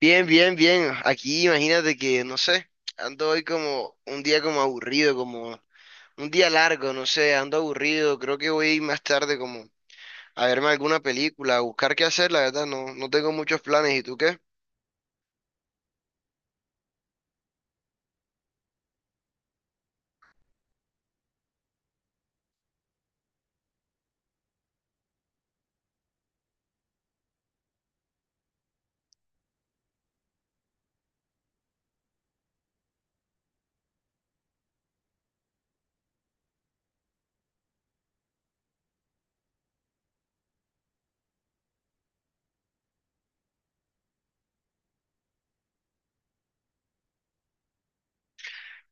Bien, bien, bien. Aquí imagínate que, no sé, ando hoy como un día como aburrido, como un día largo, no sé, ando aburrido. Creo que voy a ir más tarde como a verme alguna película, a buscar qué hacer, la verdad, no, no tengo muchos planes. ¿Y tú qué?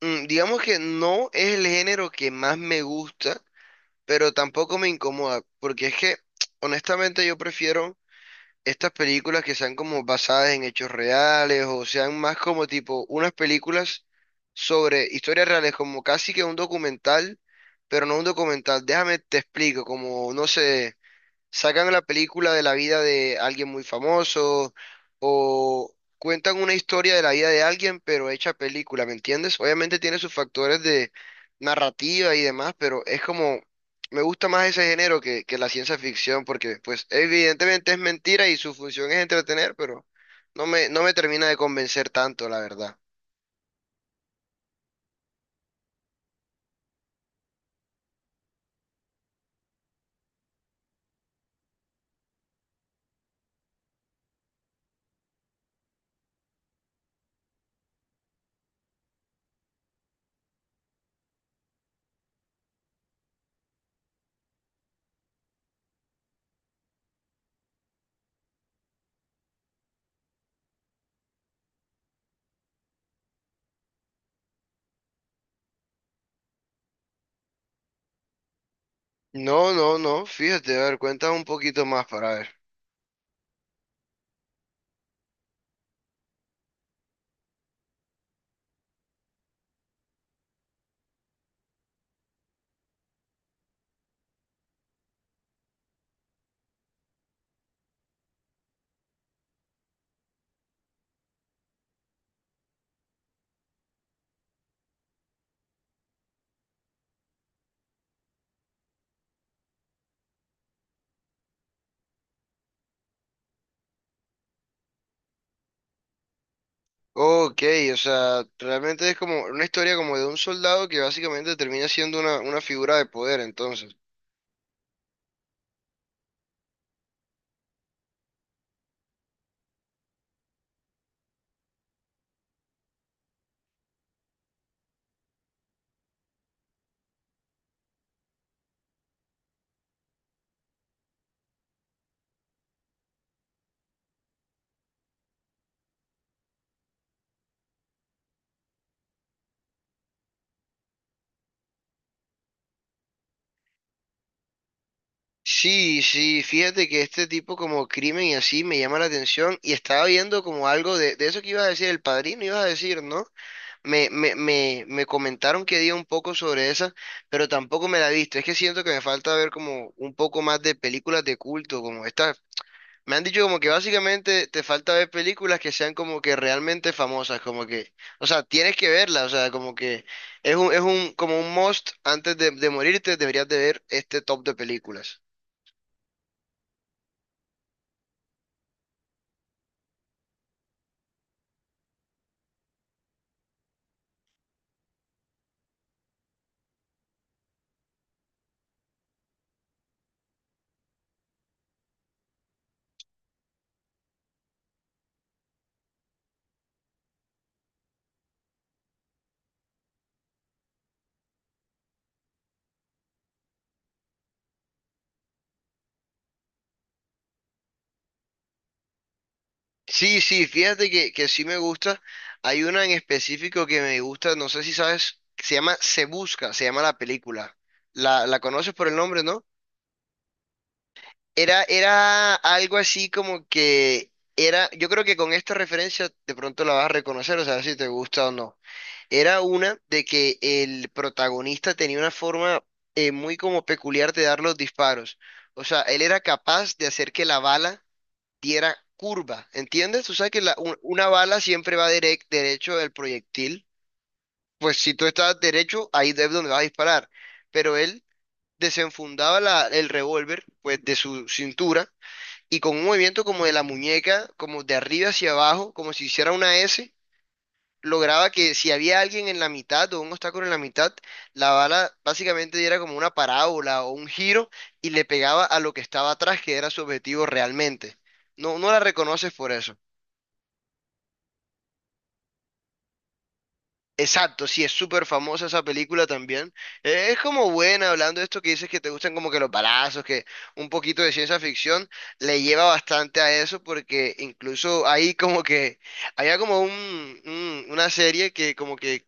Digamos que no es el género que más me gusta, pero tampoco me incomoda, porque es que honestamente yo prefiero estas películas que sean como basadas en hechos reales o sean más como tipo unas películas sobre historias reales, como casi que un documental, pero no un documental. Déjame te explico, como no sé sacan la película de la vida de alguien muy famoso o cuentan una historia de la vida de alguien, pero hecha película, ¿me entiendes? Obviamente tiene sus factores de narrativa y demás, pero es como, me gusta más ese género que la ciencia ficción, porque pues evidentemente es mentira y su función es entretener, pero no me termina de convencer tanto, la verdad. No, no, no, fíjate, a ver, cuéntame un poquito más para ver. Ok, o sea, realmente es como una historia como de un soldado que básicamente termina siendo una figura de poder, entonces. Sí, sí, fíjate que este tipo como crimen y así me llama la atención y estaba viendo como algo de eso que ibas a decir, el padrino ibas a decir, ¿no? Me comentaron que dio un poco sobre esa, pero tampoco me la he visto. Es que siento que me falta ver como un poco más de películas de culto, como estas. Me han dicho como que básicamente te falta ver películas que sean como que realmente famosas, como que, o sea, tienes que verlas, o sea, como que es un, como un must antes de morirte, deberías de ver este top de películas. Sí, sí, fíjate que sí me gusta. Hay una en específico que me gusta, no sé si sabes, que se llama Se Busca, se llama la película. La conoces por el nombre, ¿no? Era algo así como que era, yo creo que con esta referencia de pronto la vas a reconocer, o sea, si te gusta o no. Era una de que el protagonista tenía una forma muy como peculiar de dar los disparos. O sea, él era capaz de hacer que la bala diera curva, ¿entiendes? Tú sabes que una bala siempre va derecho del proyectil. Pues si tú estás derecho, ahí es donde vas a disparar. Pero él desenfundaba el revólver, pues, de su cintura y con un movimiento como de la muñeca, como de arriba hacia abajo, como si hiciera una S lograba que si había alguien en la mitad o un obstáculo en la mitad, la bala básicamente diera como una parábola o un giro y le pegaba a lo que estaba atrás, que era su objetivo realmente. No, no la reconoces por eso. Exacto, sí, es súper famosa esa película también. Es como buena, hablando de esto que dices que te gustan como que los balazos, que un poquito de ciencia ficción le lleva bastante a eso, porque incluso ahí como que había como un, una serie que como que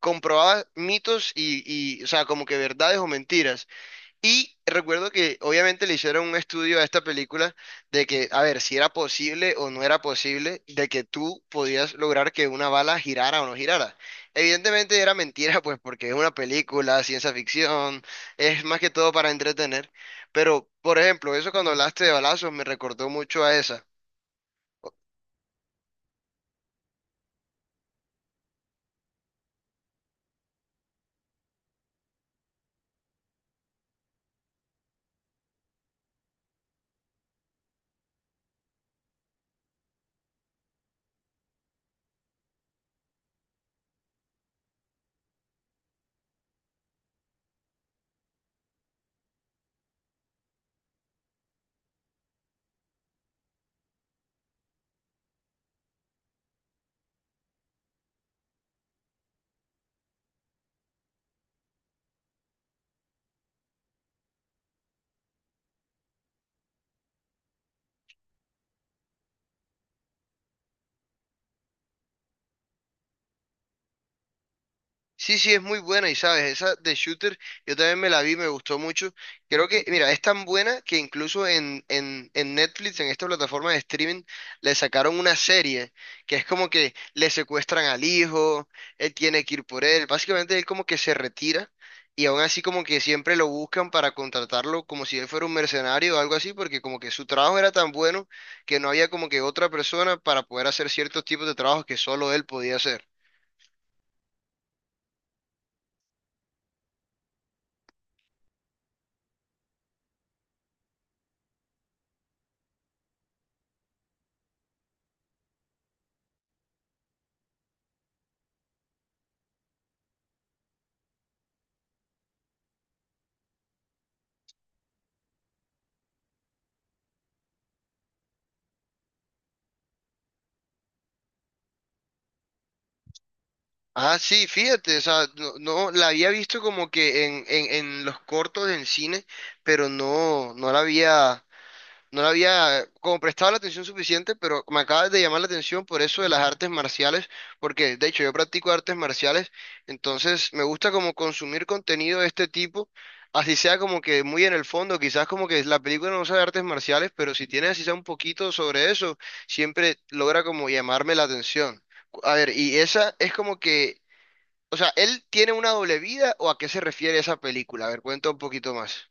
comprobaba mitos y, o sea, como que verdades o mentiras. Y recuerdo que obviamente le hicieron un estudio a esta película de que, a ver, si era posible o no era posible de que tú podías lograr que una bala girara o no girara. Evidentemente era mentira, pues porque es una película, ciencia ficción, es más que todo para entretener. Pero, por ejemplo, eso cuando hablaste de balazos me recordó mucho a esa. Sí, sí, es muy buena y sabes, esa de Shooter, yo también me la vi, me gustó mucho. Creo que, mira, es tan buena que incluso en Netflix, en esta plataforma de streaming, le sacaron una serie que es como que le secuestran al hijo, él tiene que ir por él, básicamente él como que se retira y aún así como que siempre lo buscan para contratarlo como si él fuera un mercenario o algo así, porque como que su trabajo era tan bueno que no había como que otra persona para poder hacer ciertos tipos de trabajos que solo él podía hacer. Ah, sí, fíjate, o sea, no, no, la había visto como que en los cortos en cine, pero no, no la había como prestado la atención suficiente, pero me acabas de llamar la atención por eso de las artes marciales, porque de hecho yo practico artes marciales, entonces me gusta como consumir contenido de este tipo, así sea como que muy en el fondo, quizás como que la película no sea de artes marciales, pero si tiene así sea un poquito sobre eso, siempre logra como llamarme la atención. A ver, y esa es como que o sea, ¿él tiene una doble vida o a qué se refiere esa película? A ver, cuenta un poquito más.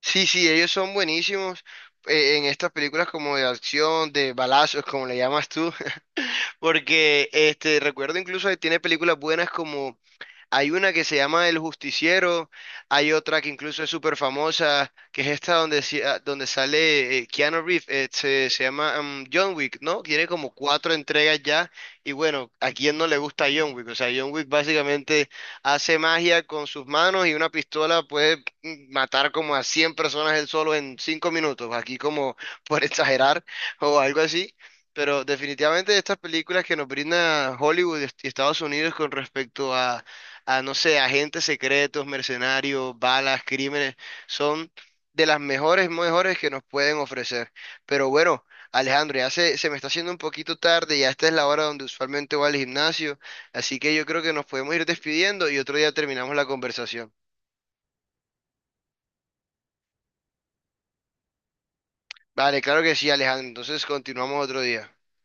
Sí, sí, ellos son buenísimos en estas películas como de acción, de balazos, como le llamas tú, porque este recuerdo incluso que tiene películas buenas como hay una que se llama El Justiciero, hay otra que incluso es súper famosa, que es esta donde, donde sale Keanu Reeves, se llama John Wick, ¿no? Tiene como cuatro entregas ya, y bueno, ¿a quién no le gusta John Wick? O sea, John Wick básicamente hace magia con sus manos y una pistola puede matar como a 100 personas él solo en 5 minutos, aquí como por exagerar o algo así. Pero definitivamente estas películas que nos brinda Hollywood y Estados Unidos con respecto a, no sé, agentes secretos, mercenarios, balas, crímenes, son de las mejores, mejores que nos pueden ofrecer. Pero bueno, Alejandro, ya se me está haciendo un poquito tarde, ya esta es la hora donde usualmente voy al gimnasio, así que yo creo que nos podemos ir despidiendo y otro día terminamos la conversación. Vale, claro que sí, Alejandro, entonces continuamos otro día.